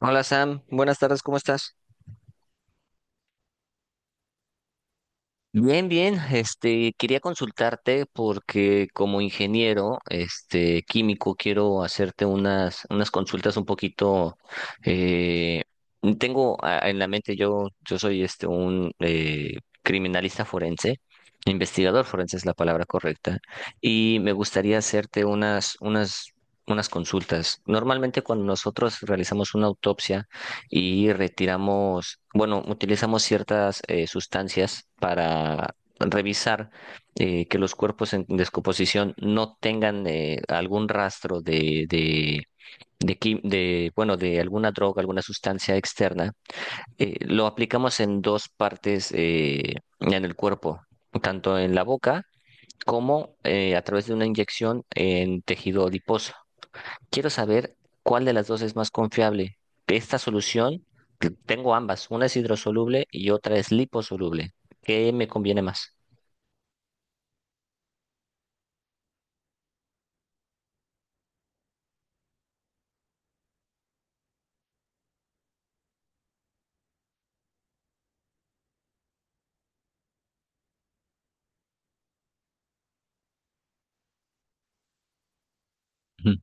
Hola Sam, buenas tardes, ¿cómo estás? Bien, bien, quería consultarte porque como ingeniero, químico, quiero hacerte unas consultas un poquito, eh, tengo en la mente, yo soy un criminalista forense, investigador forense es la palabra correcta, y me gustaría hacerte unas consultas. Normalmente cuando nosotros realizamos una autopsia, y retiramos, bueno, utilizamos ciertas sustancias para revisar que los cuerpos en descomposición no tengan algún rastro de, bueno, de alguna droga, alguna sustancia externa. Lo aplicamos en dos partes en el cuerpo, tanto en la boca como a través de una inyección en tejido adiposo. Quiero saber cuál de las dos es más confiable. De esta solución, que tengo ambas, una es hidrosoluble y otra es liposoluble. ¿Qué me conviene más? Ujú.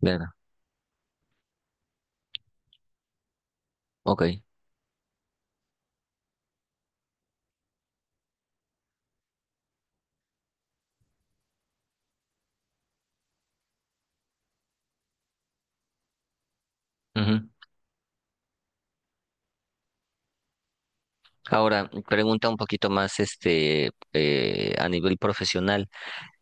Claro. Ok. Ujú. Ahora, pregunta un poquito más a nivel profesional.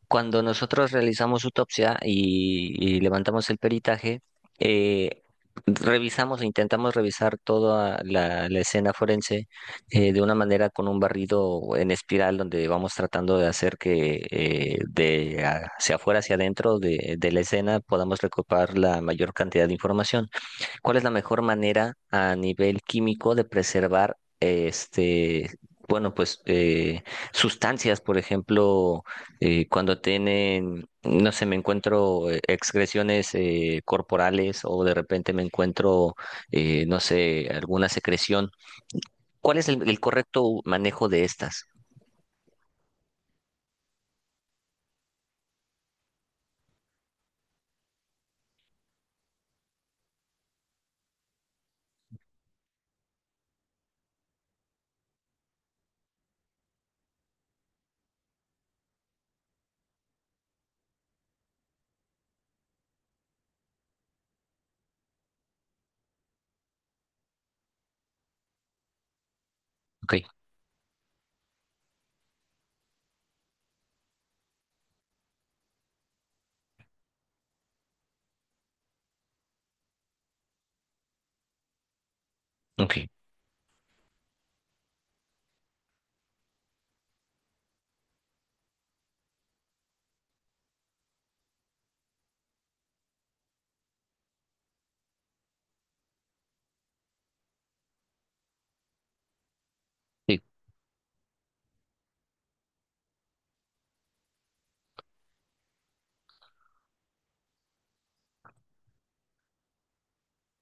Cuando nosotros realizamos autopsia y levantamos el peritaje, eh, revisamos e intentamos revisar toda la escena forense, de una manera con un barrido en espiral donde vamos tratando de hacer que de hacia afuera, hacia adentro de la escena podamos recuperar la mayor cantidad de información. ¿Cuál es la mejor manera a nivel químico de preservar bueno, pues eh, sustancias? Por ejemplo, cuando tienen, no sé, me encuentro excreciones corporales, o de repente me encuentro, no sé, ¿alguna secreción? ¿Cuál es el correcto manejo de estas? Ok, ok, sí,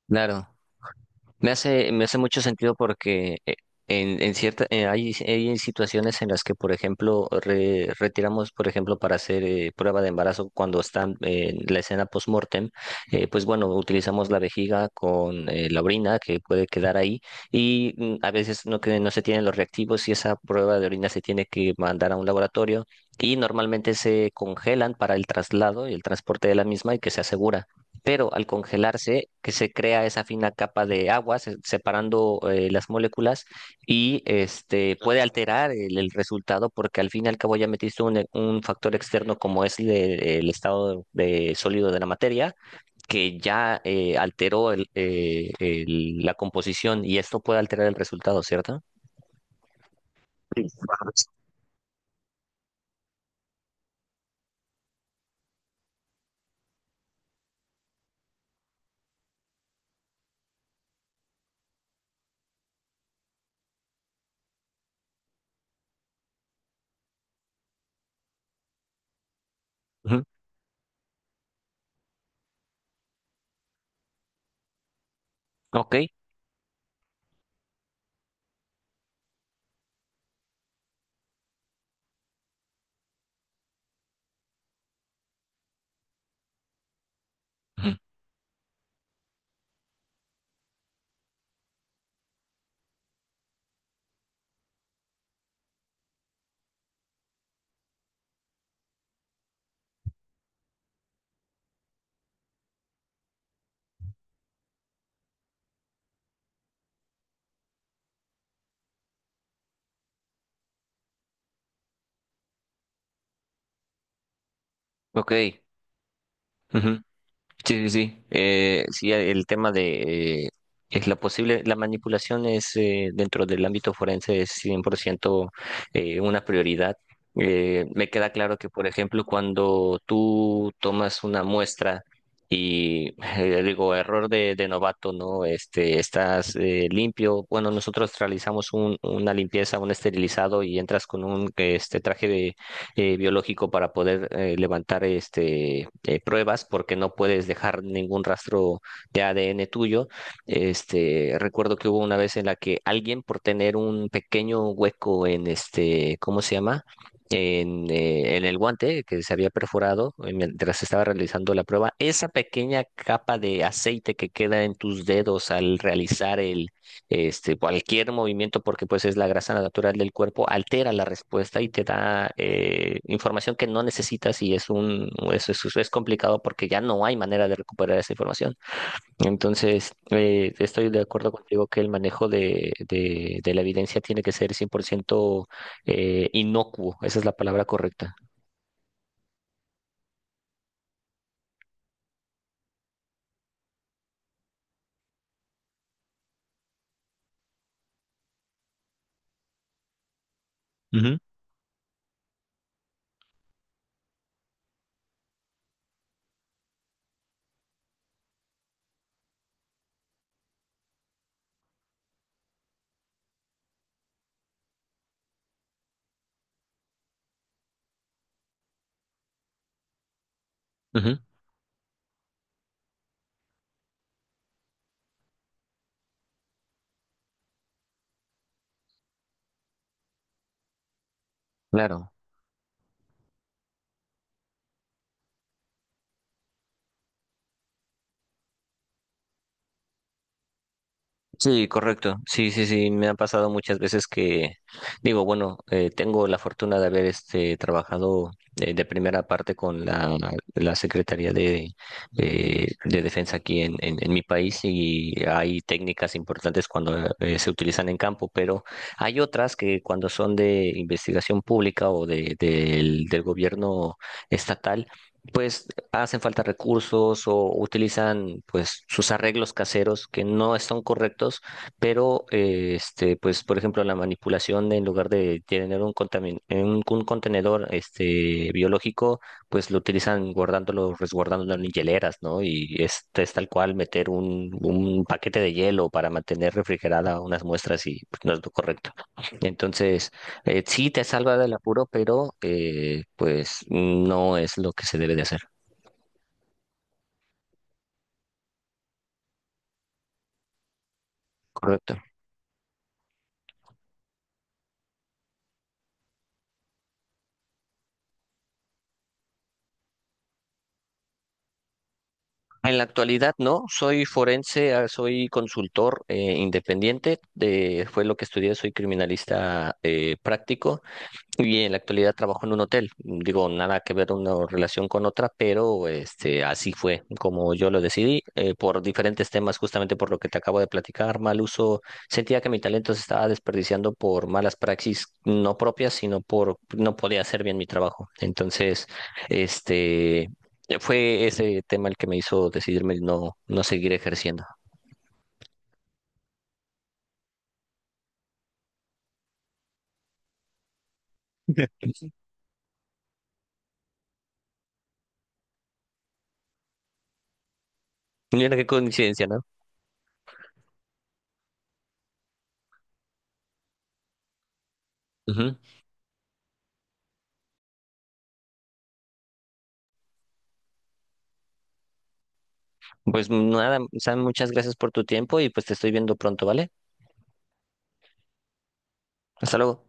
claro. Me hace mucho sentido porque en cierta, hay situaciones en las que, por ejemplo, retiramos, por ejemplo, para hacer prueba de embarazo cuando están en la escena post-mortem, pues bueno, utilizamos la vejiga con la orina que puede quedar ahí y a veces no, que, no se tienen los reactivos y esa prueba de orina se tiene que mandar a un laboratorio y normalmente se congelan para el traslado y el transporte de la misma y que se asegura, pero al congelarse, que se crea esa fina capa de agua separando las moléculas y este puede alterar el resultado, porque al fin y al cabo ya metiste un factor externo como es el estado de sólido de la materia que ya alteró la composición, y esto puede alterar el resultado, ¿cierto? Ujú. Ok. Ujú. Ok. Ujú. Sí, sí, sí. Sí, el tema de es la posible, la manipulación es, dentro del ámbito forense, es 100% una prioridad. Me queda claro que, por ejemplo, cuando tú tomas una muestra digo, error de novato, ¿no? Estás limpio. Bueno, nosotros realizamos una limpieza, un esterilizado, y entras con un este traje de biológico para poder levantar pruebas, porque no puedes dejar ningún rastro de ADN tuyo. Este, recuerdo que hubo una vez en la que alguien por tener un pequeño hueco en este, ¿cómo se llama? En el guante, que se había perforado mientras estaba realizando la prueba, esa pequeña capa de aceite que queda en tus dedos al realizar cualquier movimiento, porque pues es la grasa natural del cuerpo, altera la respuesta y te da información que no necesitas, y es es complicado porque ya no hay manera de recuperar esa información. Entonces, estoy de acuerdo contigo que el manejo de la evidencia tiene que ser 100% inocuo, esa es la palabra correcta. Ujú, ujú. Claro. Sí, correcto. Sí, sí, sí, me ha pasado muchas veces que digo, bueno, tengo la fortuna de haber este trabajado de primera parte con la Secretaría de Defensa aquí en mi país, y hay técnicas importantes cuando se utilizan en campo, pero hay otras que cuando son de investigación pública o del gobierno estatal, pues hacen falta recursos o utilizan pues sus arreglos caseros que no están correctos, pero pues por ejemplo la manipulación, en lugar de tener un un contenedor este biológico, pues lo utilizan guardándolo, resguardándolo en hieleras, ¿no? Y es tal cual meter un paquete de hielo para mantener refrigerada unas muestras y pues, no es lo correcto. Entonces, sí, te salva del apuro, pero pues no es lo que se debe de hacer. Correcto. En la actualidad no, soy forense, ah, soy consultor independiente, de, fue lo que estudié, soy criminalista práctico. Y en la actualidad trabajo en un hotel. Digo, nada que ver una relación con otra, pero este, así fue como yo lo decidí, por diferentes temas, justamente por lo que te acabo de platicar, mal uso. Sentía que mi talento se estaba desperdiciando por malas praxis no propias, sino por no podía hacer bien mi trabajo. Entonces, este, fue ese tema el que me hizo decidirme no, no seguir ejerciendo. Mira qué coincidencia, ¿no? Ujú. Pues nada, Sam, muchas gracias por tu tiempo y pues te estoy viendo pronto, ¿vale? Hasta luego.